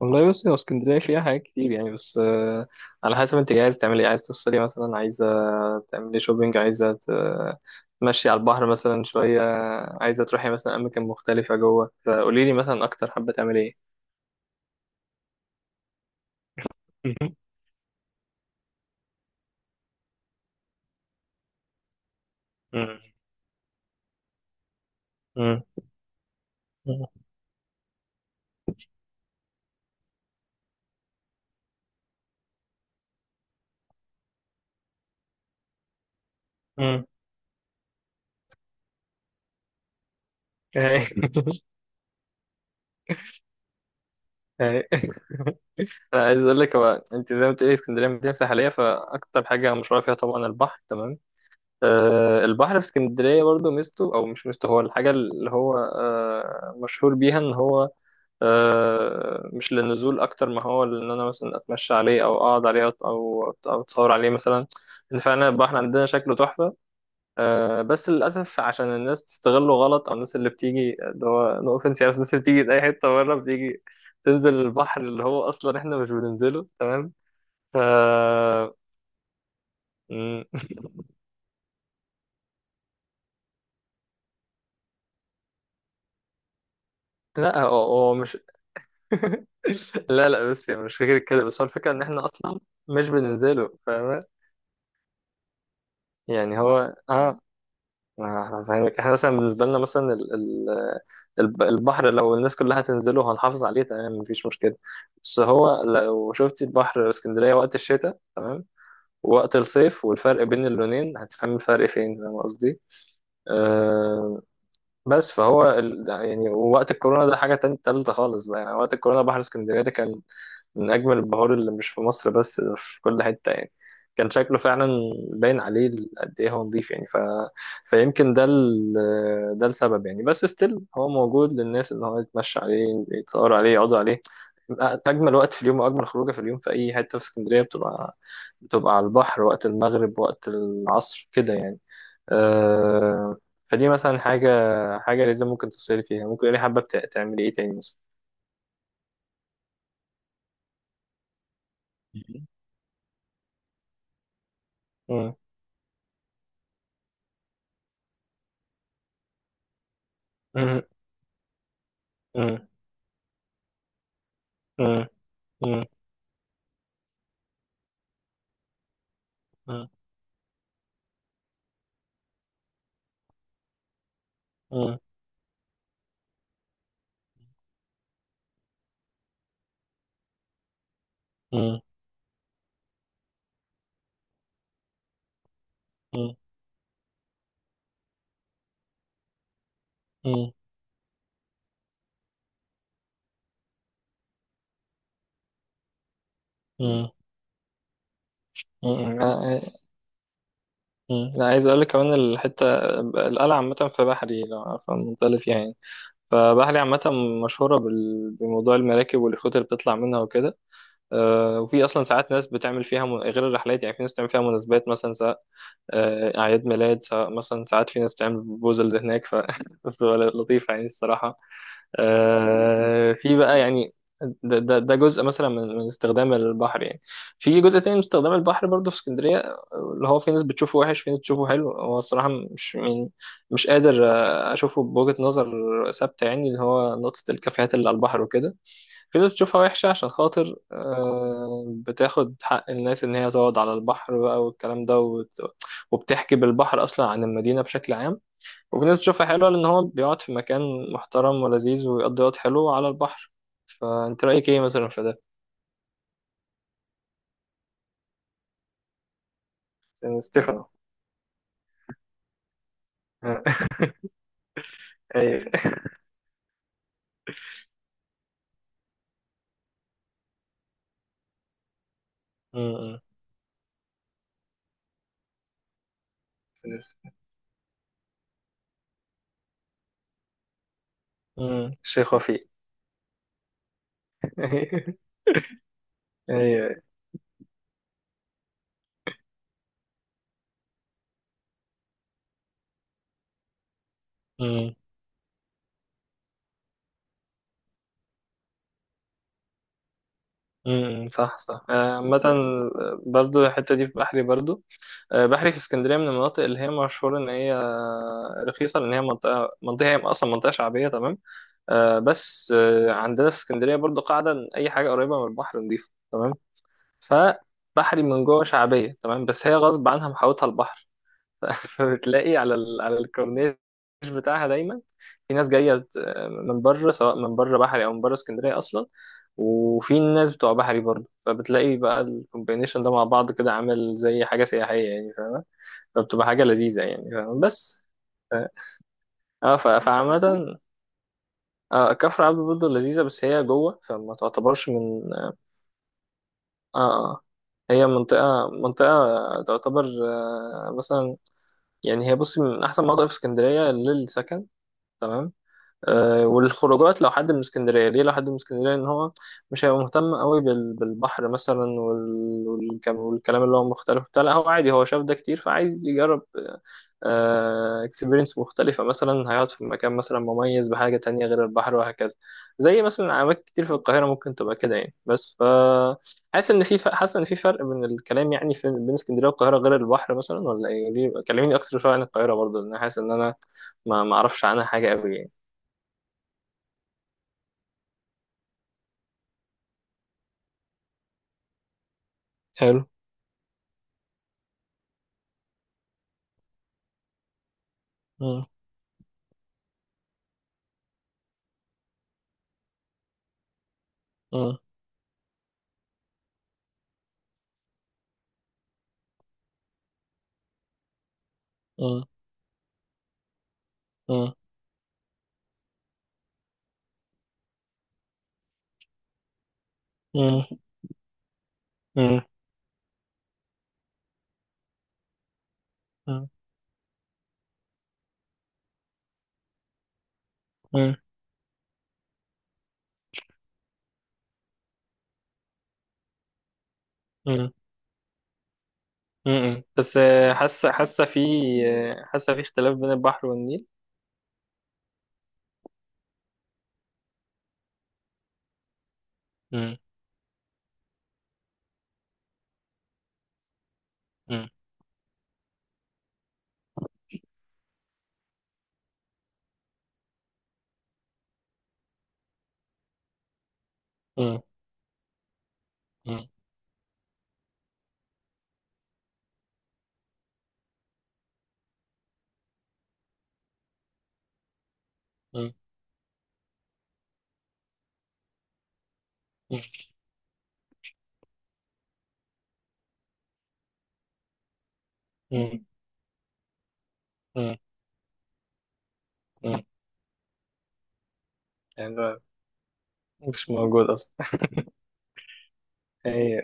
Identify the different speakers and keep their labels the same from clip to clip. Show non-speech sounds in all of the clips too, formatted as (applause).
Speaker 1: والله بصي، هو اسكندرية فيها حاجات كتير يعني. بس على حسب انت عايز تعملي ايه، عايز تفصلي مثلا، عايزة تعملي شوبينج، عايزة تمشي على البحر مثلا شوية، عايزة تروحي مثلا أماكن مختلفة جوه. فقولي لي مثلا أكتر حابة تعملي ايه مهم. مم. مم. مم. مم. أي. (laughs) أي. (laughs) أنا عايز أقول لك، هو أنت زي ما بتقولي اسكندرية مدينة ساحلية، فأكتر حاجة مشهورة فيها طبعا البحر، تمام؟ البحر في اسكندرية برضو ميزته، أو مش ميزته، هو الحاجة اللي هو مشهور بيها، إن هو مش للنزول أكتر ما هو إن أنا مثلا أتمشى عليه، أو أقعد عليه، أو أتصور عليه مثلا. إن فعلا البحر عندنا شكله تحفة. بس للأسف عشان الناس تستغله غلط، أو الناس اللي بتيجي، اللي هو نو أوفنس يعني، بس الناس اللي بتيجي من أي حتة بره بتيجي تنزل البحر اللي هو أصلا إحنا مش بننزله، تمام؟ ف (laughs) م- لا، هو مش، لا لا، بس يعني مش فكرة كده، بس هو الفكرة ان احنا اصلا مش بننزله، فاهم؟ يعني هو اه، ما احنا فاهمك، احنا مثلا بالنسبة لنا مثلا، البحر لو الناس كلها هتنزله هنحافظ عليه، تمام، مفيش مشكلة. بس هو لو شفتي البحر اسكندرية وقت الشتاء، تمام، ووقت الصيف، والفرق بين اللونين هتفهم الفرق فين، فاهم قصدي؟ أه. بس يعني وقت الكورونا ده حاجة تانية تالتة خالص بقى، يعني وقت الكورونا بحر اسكندرية ده كان من أجمل البهار، اللي مش في مصر بس، ده في كل حتة يعني. كان شكله فعلا باين عليه قد إيه هو نضيف يعني. ف... فيمكن ده ال... ده السبب يعني. بس ستيل هو موجود للناس، إن هو يتمشى عليه، يتصور عليه، يقعدوا عليه. أجمل وقت في اليوم، وأجمل خروجة في اليوم في أي حتة في اسكندرية، بتبقى على البحر، وقت المغرب، وقت العصر كده يعني. أه... فدي مثلا حاجة لازم ممكن تفصلي فيها. ممكن يعني حابة تعملي إيه تاني مثلا؟ مم. مم. مم. مم. مم. مم. مم. مم. مم. مم. مم. لا. مم. لا، عايز اقول لك كمان الحته. القلعه عامه في بحري، لو عارفه المنطقه اللي فيها يعني. فبحري عامه مشهوره بموضوع المراكب واليخوت اللي بتطلع منها وكده. وفي اصلا ساعات ناس بتعمل فيها من... غير الرحلات، يعني في ناس بتعمل فيها مناسبات مثلا، سواء اعياد ميلاد، سواء مثلا ساعات في ناس بتعمل بروبوزلز هناك. ف (laughs) بتبقى لطيفه يعني الصراحه. في بقى يعني ده جزء مثلا من استخدام البحر يعني. في جزء تاني من استخدام البحر برضو في اسكندرية، اللي هو في ناس بتشوفه وحش، في ناس بتشوفه حلو. هو الصراحة مش يعني، مش قادر أشوفه بوجهة نظر ثابتة يعني. اللي هو نقطة الكافيهات اللي على البحر وكده، في ناس بتشوفها وحشة عشان خاطر بتاخد حق الناس إن هي تقعد على البحر بقى، والكلام ده، وبتحكي بالبحر أصلا عن المدينة بشكل عام. وفي ناس بتشوفها حلوة، لأن هو بيقعد في مكان محترم ولذيذ، ويقضي وقت حلو على البحر. فأنت رأيك إيه مثلا في ده؟ سان ستيفانو. (laughs) أيوة. أمم. بالنسبة. أمم. الشيخ وفيق. (laughs) أيوه. أمم. أمم. صح صح. عامة برضو الحتة دي في بحري برضو. بحري في اسكندرية من المناطق اللي هي مشهورة إن هي رخيصة، لأن هي منطقة هي أصلا منطقة شعبية، تمام؟ آه، بس آه، عندنا في اسكندرية برضو قاعدة إن أي حاجة قريبة من البحر نضيفة، تمام؟ فبحري من جوه شعبية، تمام، بس هي غصب عنها محاوطها البحر. (laughs) فبتلاقي على ال... على الكورنيش بتاعها دايما في ناس جاية من بره، سواء من بره بحري أو من بره اسكندرية أصلا، وفي ناس بتوع بحري برضه. فبتلاقي بقى الكومبينيشن ده مع بعض كده، عامل زي حاجة سياحية يعني، فاهم؟ فبتبقى حاجة لذيذة يعني، فاهم؟ بس ف- فعامة كفر عبده برضه لذيذة، بس هي جوه، فما تعتبرش من، اه اه، هي منطقة تعتبر مثلا، يعني هي بصي من أحسن مناطق في اسكندرية للسكن، تمام. آه. والخروجات، لو حد من اسكندرية ليه، لو حد من اسكندرية إن هو مش هيبقى مهتم قوي بالبحر مثلا والكلام، والكلام اللي هو مختلف بتاع، لا هو عادي، هو شاف ده كتير، فعايز يجرب اكسبيرينس مختلفة مثلا، هيقعد في مكان مثلا مميز بحاجة تانية غير البحر، وهكذا. زي مثلا أماكن كتير في القاهرة ممكن تبقى كده يعني. بس ف، حاسس إن في حاسس إن في فرق بين الكلام يعني، في بين اسكندرية والقاهرة غير البحر مثلا، ولا إيه؟ ليه كلميني أكتر شوية عن القاهرة برضه، لأن حاسس إن أنا ما أعرفش عنها حاجة أوي يعني. حلو. مم. مم. مم. مم. مم. مم. مم. مم. مم. بس حاسة في اختلاف بين البحر والنيل. مم. مم. مم. مم. مم. مم. مم. مم. يعني هو مش موجود أصلا. (laughs) هي.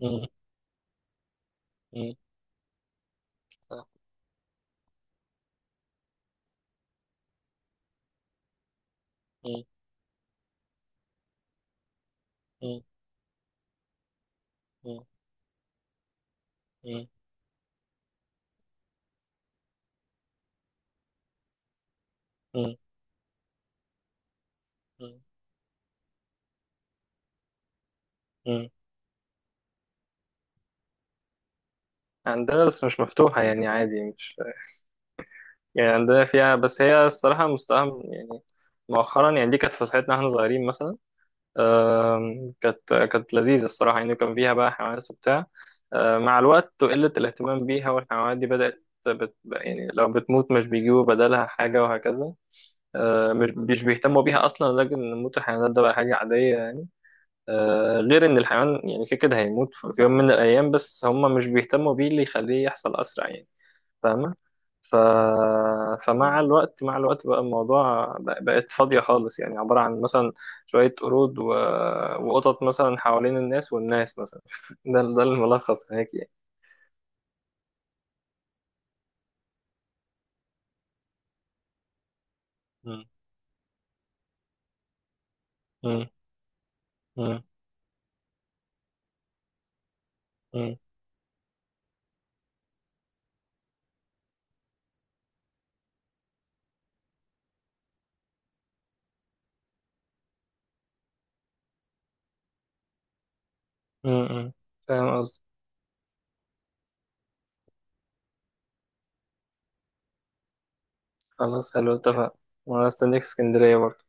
Speaker 1: مم. مم. صح. مم. مم. مم. مم. مم. مم. عندنا، بس مش مفتوحة يعني، عادي مش، يعني عندنا فيها، بس هي الصراحة مستواها يعني مؤخرا يعني. دي كانت فسحتنا واحنا صغيرين مثلا. آم، كانت لذيذة الصراحة يعني، كان فيها بقى حيوانات وبتاع. آم، مع الوقت وقلة الاهتمام بيها، والحيوانات دي بدأت بت... يعني لو بتموت مش بيجيبوا بدلها حاجة، وهكذا. آه، مش بيهتموا بيها اصلا. لكن موت الحيوانات ده بقى حاجه عاديه يعني. غير ان الحيوان يعني كده كده هيموت في يوم من الايام، بس هم مش بيهتموا بيه، اللي يخليه يحصل اسرع يعني، فاهمه؟ ف... فمع الوقت، مع الوقت بقى الموضوع بقت فاضيه خالص، يعني عباره عن مثلا شويه قرود و... وقطط مثلا حوالين الناس، والناس مثلا. (laughs) ده ده الملخص هيك يعني. م- م- م- م- م- م. فاهم قصدي؟ خلاص، حلو، اتفقنا. وانا استنيك في اسكندريه برضه.